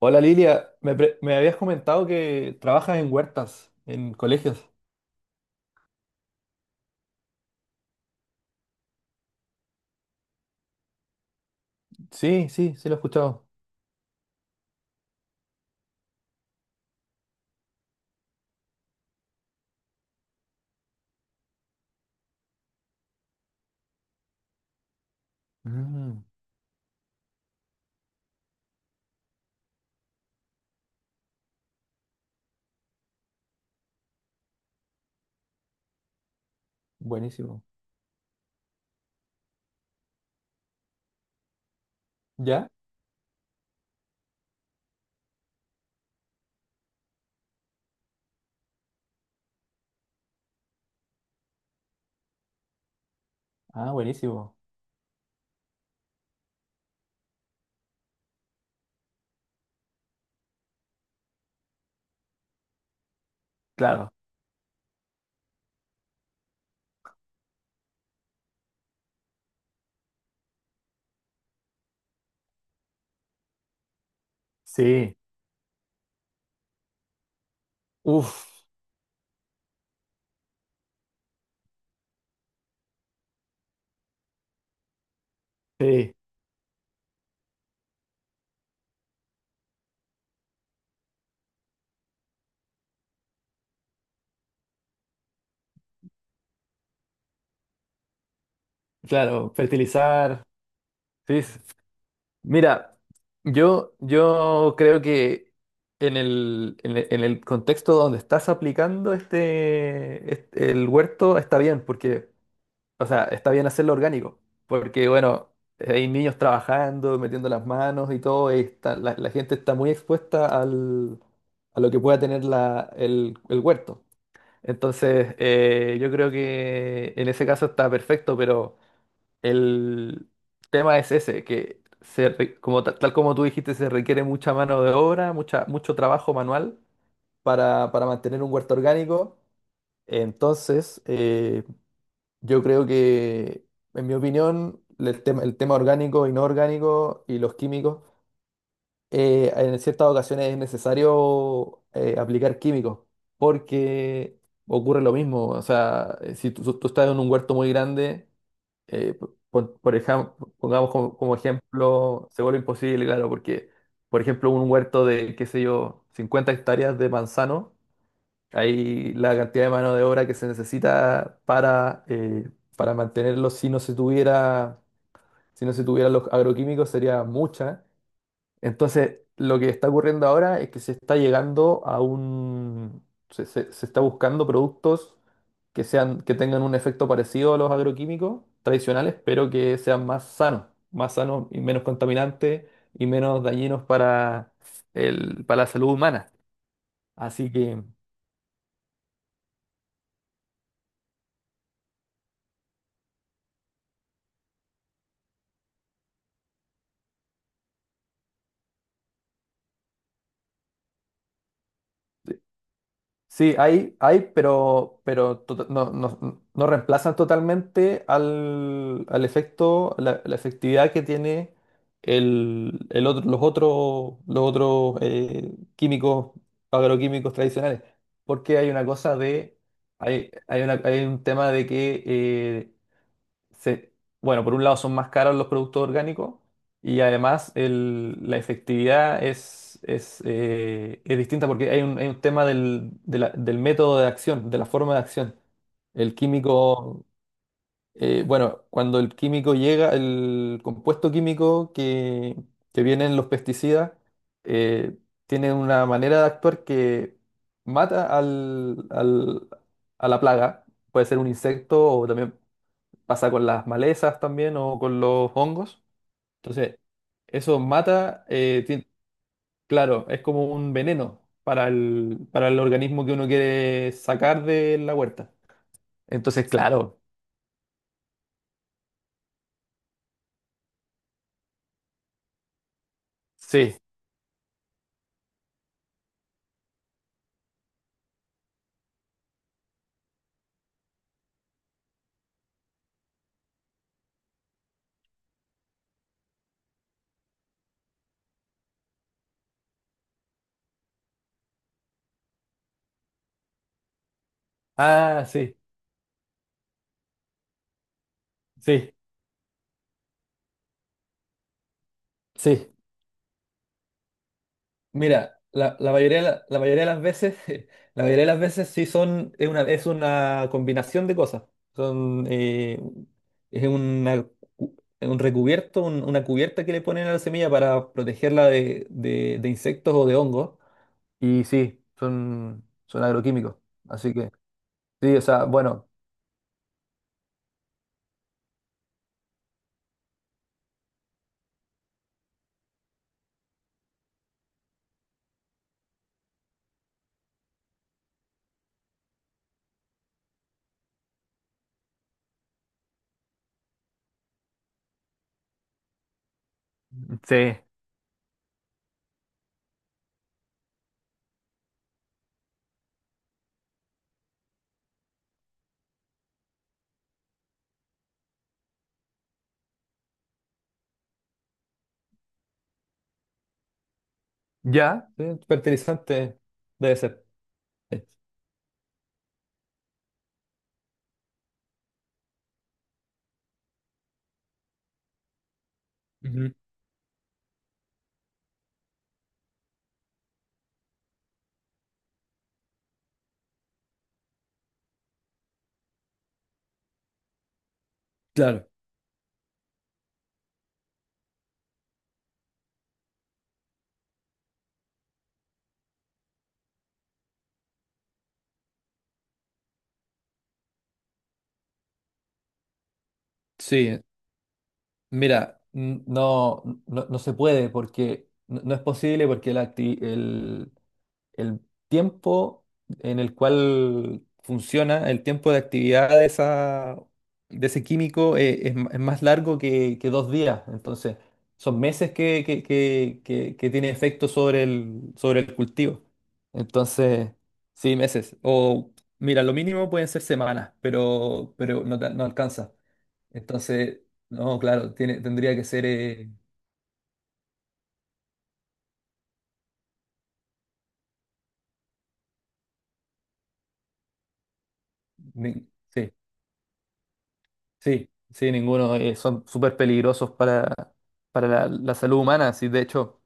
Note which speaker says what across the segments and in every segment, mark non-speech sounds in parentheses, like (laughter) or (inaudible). Speaker 1: Hola Lilia, me habías comentado que trabajas en huertas, en colegios. Sí, sí, sí lo he escuchado. Mm, buenísimo. ¿Ya? Ah, buenísimo. Claro. Sí. Uf, sí. Claro, fertilizar. Sí. s- Mira, yo creo que en el contexto donde estás aplicando el huerto está bien, porque o sea, está bien hacerlo orgánico, porque bueno, hay niños trabajando, metiendo las manos y todo, la, la gente está muy expuesta a lo que pueda tener el huerto. Entonces, yo creo que en ese caso está perfecto, pero el tema es ese, que se re- como, ta- tal como tú dijiste, se requiere mucha mano de obra, mucha, mucho trabajo manual para mantener un huerto orgánico. Entonces, yo creo que, en mi opinión, el tema orgánico, inorgánico y los químicos, en ciertas ocasiones es necesario aplicar químicos porque ocurre lo mismo. O sea, si tú estás en un huerto muy grande, por ejemplo, como ejemplo, se vuelve imposible, claro, porque, por ejemplo, un huerto de, qué sé yo, 50 hectáreas de manzano. Ahí la cantidad de mano de obra que se necesita para mantenerlos si no se tuvieran los agroquímicos sería mucha. Entonces, lo que está ocurriendo ahora es que se está llegando a un, se- se está buscando productos que sean, que tengan un efecto parecido a los agroquímicos tradicionales, pero que sean más sanos y menos contaminantes y menos dañinos para para la salud humana. Así que sí, hay, pero, no reemplazan totalmente al efecto, la efectividad que tiene el otro, los otros químicos, agroquímicos tradicionales. Porque hay una cosa de, hay, hay un tema de que se- bueno, por un lado son más caros los productos orgánicos y además la efectividad es, es distinta porque hay un tema del método de acción, de la forma de acción. El químico, bueno, cuando el químico llega, el compuesto químico que viene en los pesticidas, eh, tiene una manera de actuar que mata a la plaga. Puede ser un insecto o también pasa con las malezas también o con los hongos. Entonces, eso mata, claro, es como un veneno para para el organismo que uno quiere sacar de la huerta. Entonces, claro, sí. Ah, sí, sí, sí. Mira, la mayoría, de la mayoría de las veces, (laughs) la mayoría de las veces sí son, es una combinación de cosas. Son, es una un recubierto, una cubierta que le ponen a la semilla para protegerla de, de insectos o de hongos. Y sí, son, son agroquímicos. Así que, sí, o sea, bueno, sí, ya, sí, fertilizante debe ser. Sí. Ujú. Claro, sí. Mira, no, no se puede porque no, no es posible porque el tiempo en el cual funciona, el tiempo de actividad de ese químico es, es más largo que dos días. Entonces, son meses que, que tiene efecto sobre sobre el cultivo. Entonces, sí, meses. O mira, lo mínimo pueden ser semanas, pero no, no alcanza. Entonces, no, claro, tiene, tendría que ser... sí, sí, sí, ninguno. Son súper peligrosos para la salud humana. Sí, de hecho,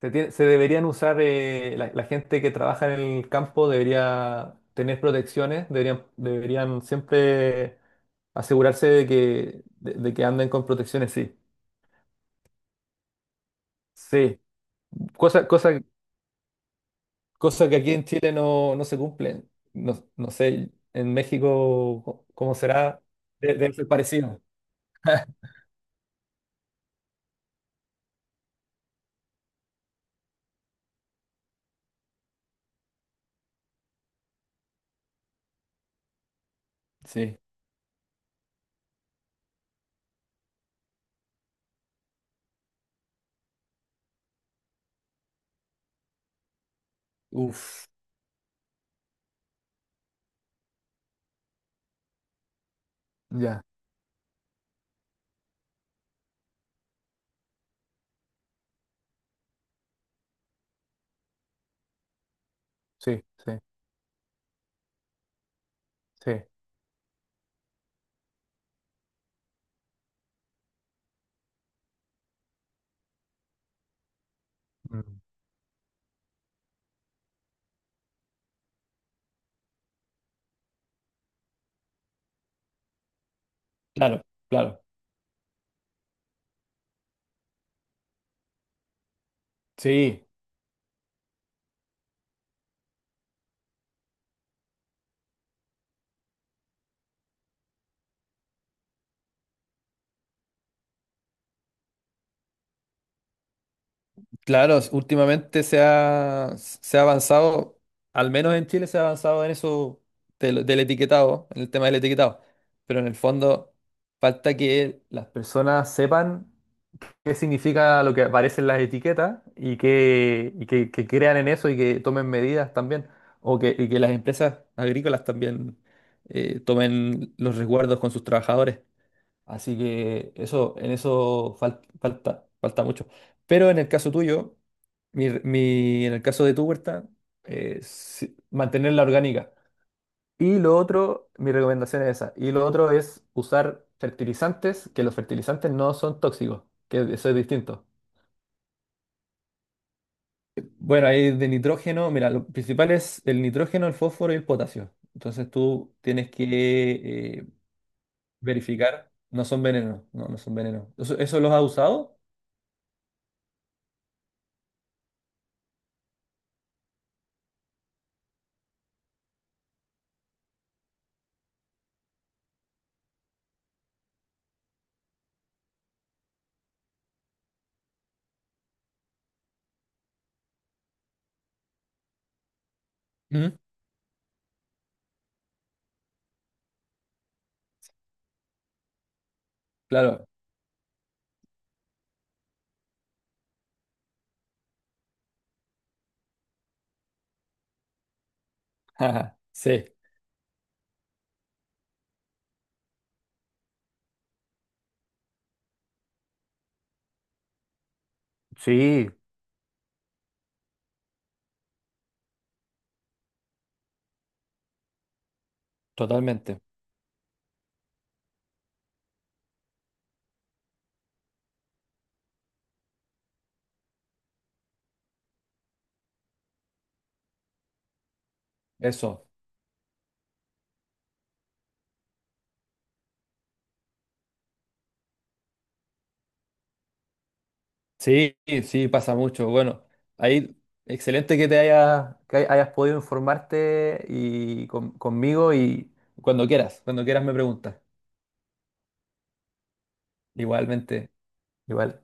Speaker 1: se deberían usar, la gente que trabaja en el campo debería tener protecciones, deberían siempre asegurarse de de que anden con protecciones, sí. Sí, cosa. Cosas que aquí en Chile no, no se cumplen. No, no sé, en México, ¿cómo será? Debe ser parecido. (laughs) Sí. Uf, ya. Sí, sí, sí. Mm. Claro, claro. Sí, Últimamente se ha avanzado, al menos en Chile se ha avanzado en eso del etiquetado, en el tema del etiquetado. Pero en el fondo falta que las personas sepan qué significa lo que aparece en las etiquetas que crean en eso y que tomen medidas también, y que las empresas agrícolas también tomen los resguardos con sus trabajadores. Así que eso, en falta, falta mucho. Pero en el caso tuyo, en el caso de tu huerta, sí, mantenerla orgánica. Y lo otro, mi recomendación es esa. Y lo otro es usar fertilizantes, que los fertilizantes no son tóxicos, que eso es distinto. Bueno, ahí de nitrógeno, mira, lo principal es el nitrógeno, el fósforo y el potasio. Entonces tú tienes que eh, verificar, no son venenos, no, no son venenos. ¿Eso, eso los has usado? Ujú. Claro. Ajá, sí. Sí, totalmente. Eso. Sí, sí, pasa mucho. Bueno, ahí excelente que te hayas, hayas podido informarte y conmigo y cuando quieras me preguntas. Igualmente, igual.